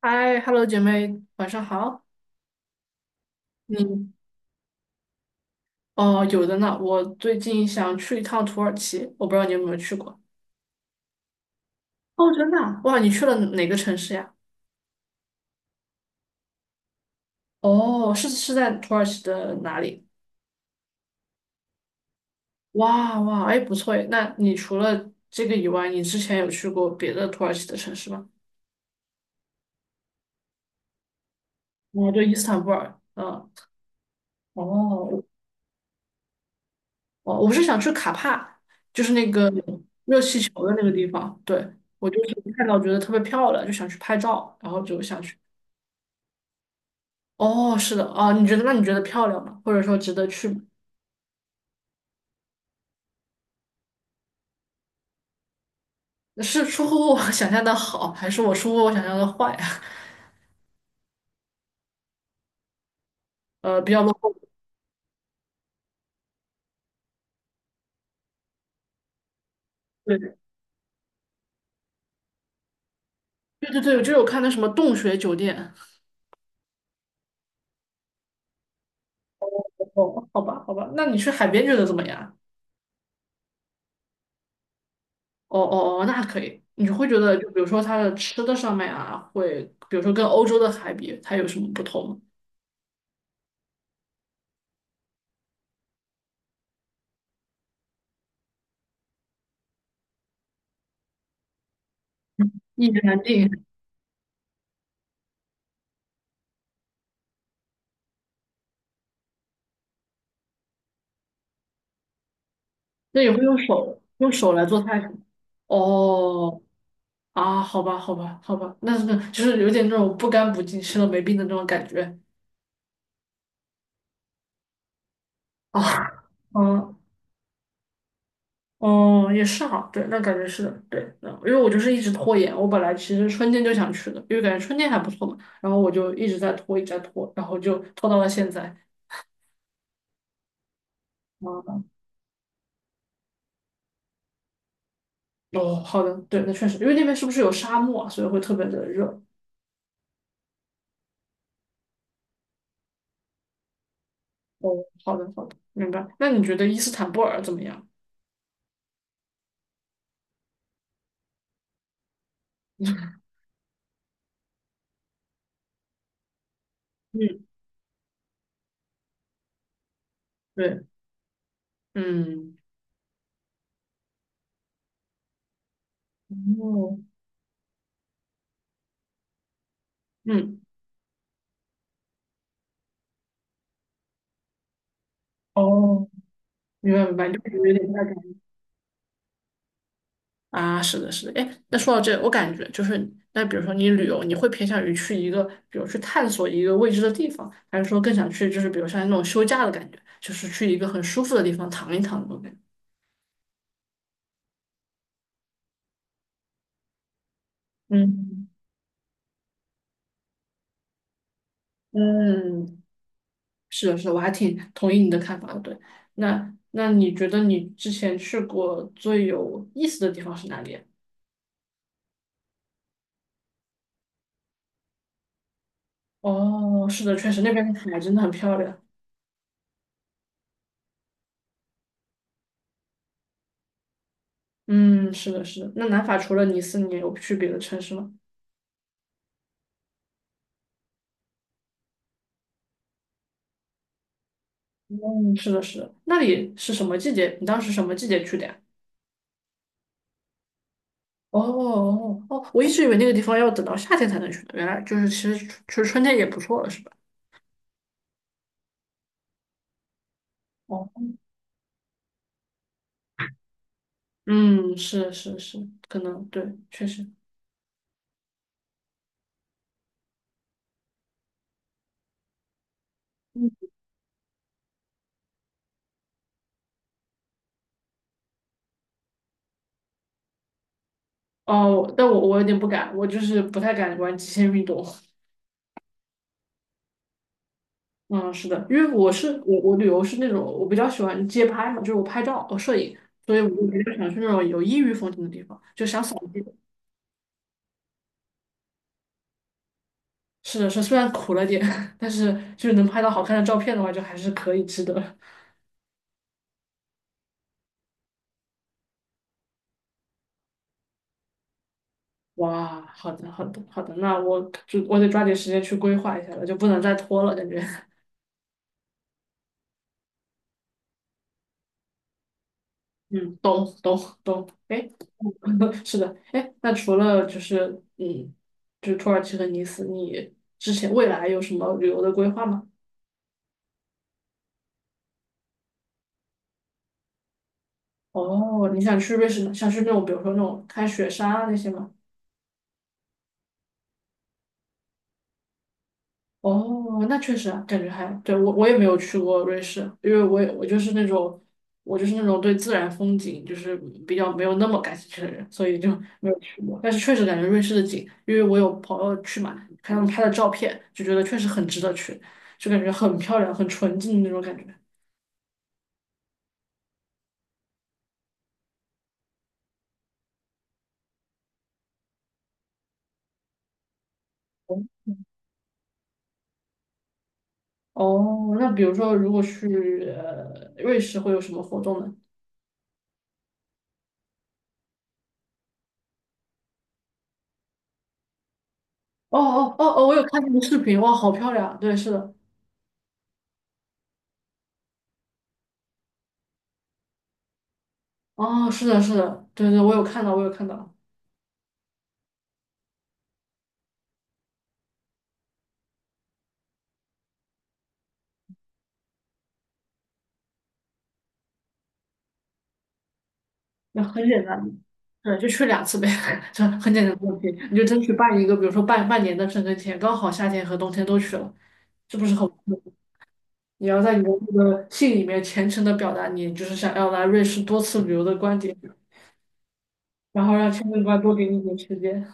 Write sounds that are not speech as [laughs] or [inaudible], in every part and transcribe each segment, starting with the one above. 嗨，Hello，姐妹，晚上好。嗯，哦，有的呢。我最近想去一趟土耳其，我不知道你有没有去过。哦，真的啊哇，你去了哪个城市呀？哦，是，是在土耳其的哪里？哇哇，哎，不错哎。那你除了这个以外，你之前有去过别的土耳其的城市吗？哦，对，伊斯坦布尔。嗯，哦，哦，我是想去卡帕，就是那个热气球的那个地方。对，我就是看到觉得特别漂亮，就想去拍照，然后就想去。哦，是的，哦，你觉得，那你觉得漂亮吗？或者说值得去吗？是出乎我 [laughs] 想象的好，还是我出乎我想象的坏啊？[laughs] 比较落后。对对对对，就是我看那什么洞穴酒店。[laughs] 哦，好吧好吧，那你去海边觉得怎么样啊？哦哦哦，那还可以。你会觉得，就比如说它的吃的上面啊，会比如说跟欧洲的海比，它有什么不同吗？一言难尽。那也会用手来做菜是吗？哦。啊，好吧，好吧，好吧，就是有点那种不干不净、吃了没病的那种感觉。啊，哦，嗯哦，也是哈，对，那感觉是的，对，那因为我就是一直拖延，我本来其实春天就想去的，因为感觉春天还不错嘛，然后我就一直在拖，一直在拖，然后就拖到了现在。嗯，哦，好的，对，那确实，因为那边是不是有沙漠啊，所以会特别的热。哦，好的，好的，明白。那你觉得伊斯坦布尔怎么样？[laughs] 嗯，对，嗯，哦，嗯，哦，明白明白，就是有点不太敢。啊，是的，是的，哎，那说到这，我感觉就是，那比如说你旅游，你会偏向于去一个，比如去探索一个未知的地方，还是说更想去，就是比如像那种休假的感觉，就是去一个很舒服的地方躺一躺那种感觉？嗯嗯，是的，是的，我还挺同意你的看法的。对，那你觉得你之前去过最有意思的地方是哪里啊？哦，是的，确实那边的海真的很漂亮。嗯，是的，是的。那南法除了尼斯，你有去别的城市吗？嗯，是的，是的。那里是什么季节？你当时什么季节去的呀？哦哦哦，我一直以为那个地方要等到夏天才能去呢，原来就是其实春天也不错了，是吧？哦，嗯，是是是，可能对，确实。嗯，哦，但我有点不敢，我就是不太敢玩极限运动。嗯，是的，因为我旅游是那种我比较喜欢街拍嘛，就是我拍照我摄影，所以我就比较想去那种有异域风情的地方，就想扫街。是的，是虽然苦了点，[laughs] 但是就是能拍到好看的照片的话，就还是可以值得。哇，好的，好的，好的，那我得抓紧时间去规划一下了，就不能再拖了，感觉。[laughs] 嗯，懂，懂，懂。哎，[laughs] 是的，哎，那除了就是就是土耳其和尼斯，你之前未来有什么旅游的规划吗？哦，你想去瑞士，想去那种比如说那种看雪山啊那些吗？哦，那确实啊，感觉还，对，我也没有去过瑞士，因为我就是那种对自然风景就是比较没有那么感兴趣的人，所以就没有去过。但是确实感觉瑞士的景，因为我有朋友去嘛，看他们拍的照片，就觉得确实很值得去，就感觉很漂亮、很纯净的那种感觉。哦，那比如说如果去瑞士会有什么活动呢？哦哦哦哦，我有看那个视频，哇，好漂亮！对，是的，哦，是的，是的，对对，我有看到，我有看到。那很简单的。对，就去两次呗，[laughs] 这很简单的问题，你就争取办一个，比如说半年的申根签，刚好夏天和冬天都去了，这不是很。你要在你的那个信里面虔诚的表达你就是想要来瑞士多次旅游的观点，然后让签证官多给你一点时间。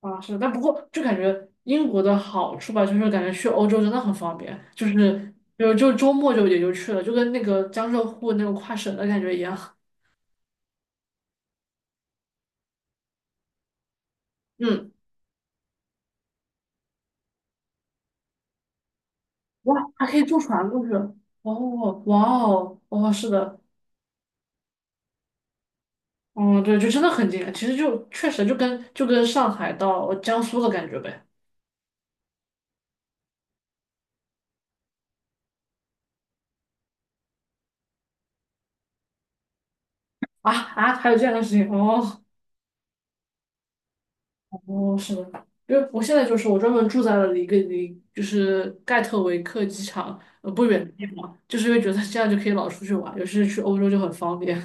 啊，是，但不过就感觉英国的好处吧，就是感觉去欧洲真的很方便，就周末就也就去了，就跟那个江浙沪那种跨省的感觉一样。嗯。哇，还可以坐船过去，哦，哇哦，哦，是的，嗯，对，就真的很近，其实就确实就跟上海到江苏的感觉呗。啊啊，还有这样的事情，哦哦，是的，因为我现在就是我专门住在了一个离就是盖特维克机场不远的地方，就是因为觉得这样就可以老出去玩，尤其是去欧洲就很方便。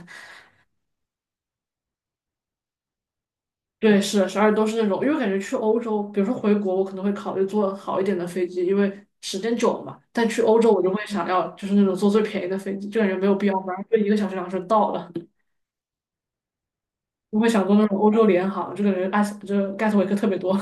对，是十二都是那种，因为感觉去欧洲，比如说回国，我可能会考虑坐好一点的飞机，因为时间久了嘛。但去欧洲，我就会想要就是那种坐最便宜的飞机，就感觉没有必要，反正就1个小时、2个小时到了。我会想坐那种欧洲联航，就感觉埃斯，就是盖斯维克特别多。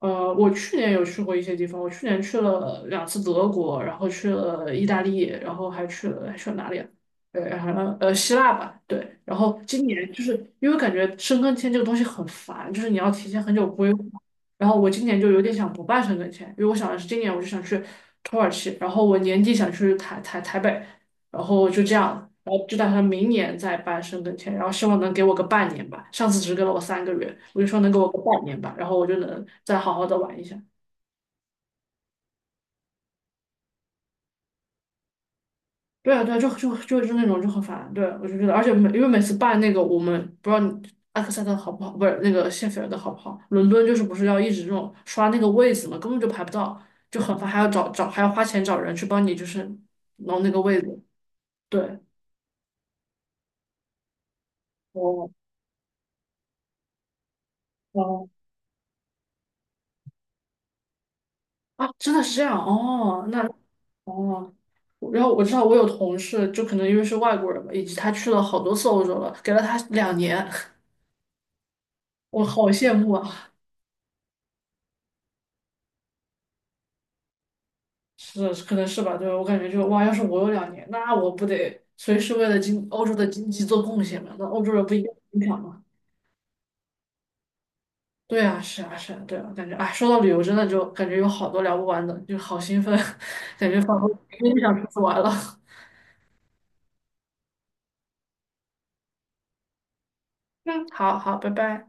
我去年有去过一些地方，我去年去了两次德国，然后去了意大利，然后还去了哪里啊？对，然后希腊吧，对。然后今年就是因为感觉申根签这个东西很烦，就是你要提前很久规划。然后我今年就有点想不办申根签，因为我想的是今年我就想去土耳其，然后我年底想去台北，然后就这样，然后就打算明年再办申根签，然后希望能给我个半年吧。上次只给了我3个月，我就说能给我个半年吧，然后我就能再好好的玩一下。对啊，对啊，就是那种就很烦，对啊，我就觉得，而且因为每次办那个，我们不知道你埃克塞特好不好，不是那个谢菲尔德好不好，伦敦就是不是要一直这种刷那个位子嘛，根本就排不到，就很烦，还要找找还要花钱找人去帮你就是弄那个位子，对。哦，哦，啊，真的是这样哦，那哦，然后我知道我有同事，就可能因为是外国人嘛，以及他去了好多次欧洲了，给了他两年，[laughs] 我好羡慕啊！是，可能是吧，对，我感觉就哇，要是我有两年，那我不得随时为了经欧洲的经济做贡献嘛？那欧洲人不应该很响吗？对啊，是啊，是啊，对啊，感觉哎，说到旅游，真的就感觉有好多聊不完的，就好兴奋，[laughs] 感觉仿佛明天就想出去玩了。[laughs] 嗯，好好，拜拜。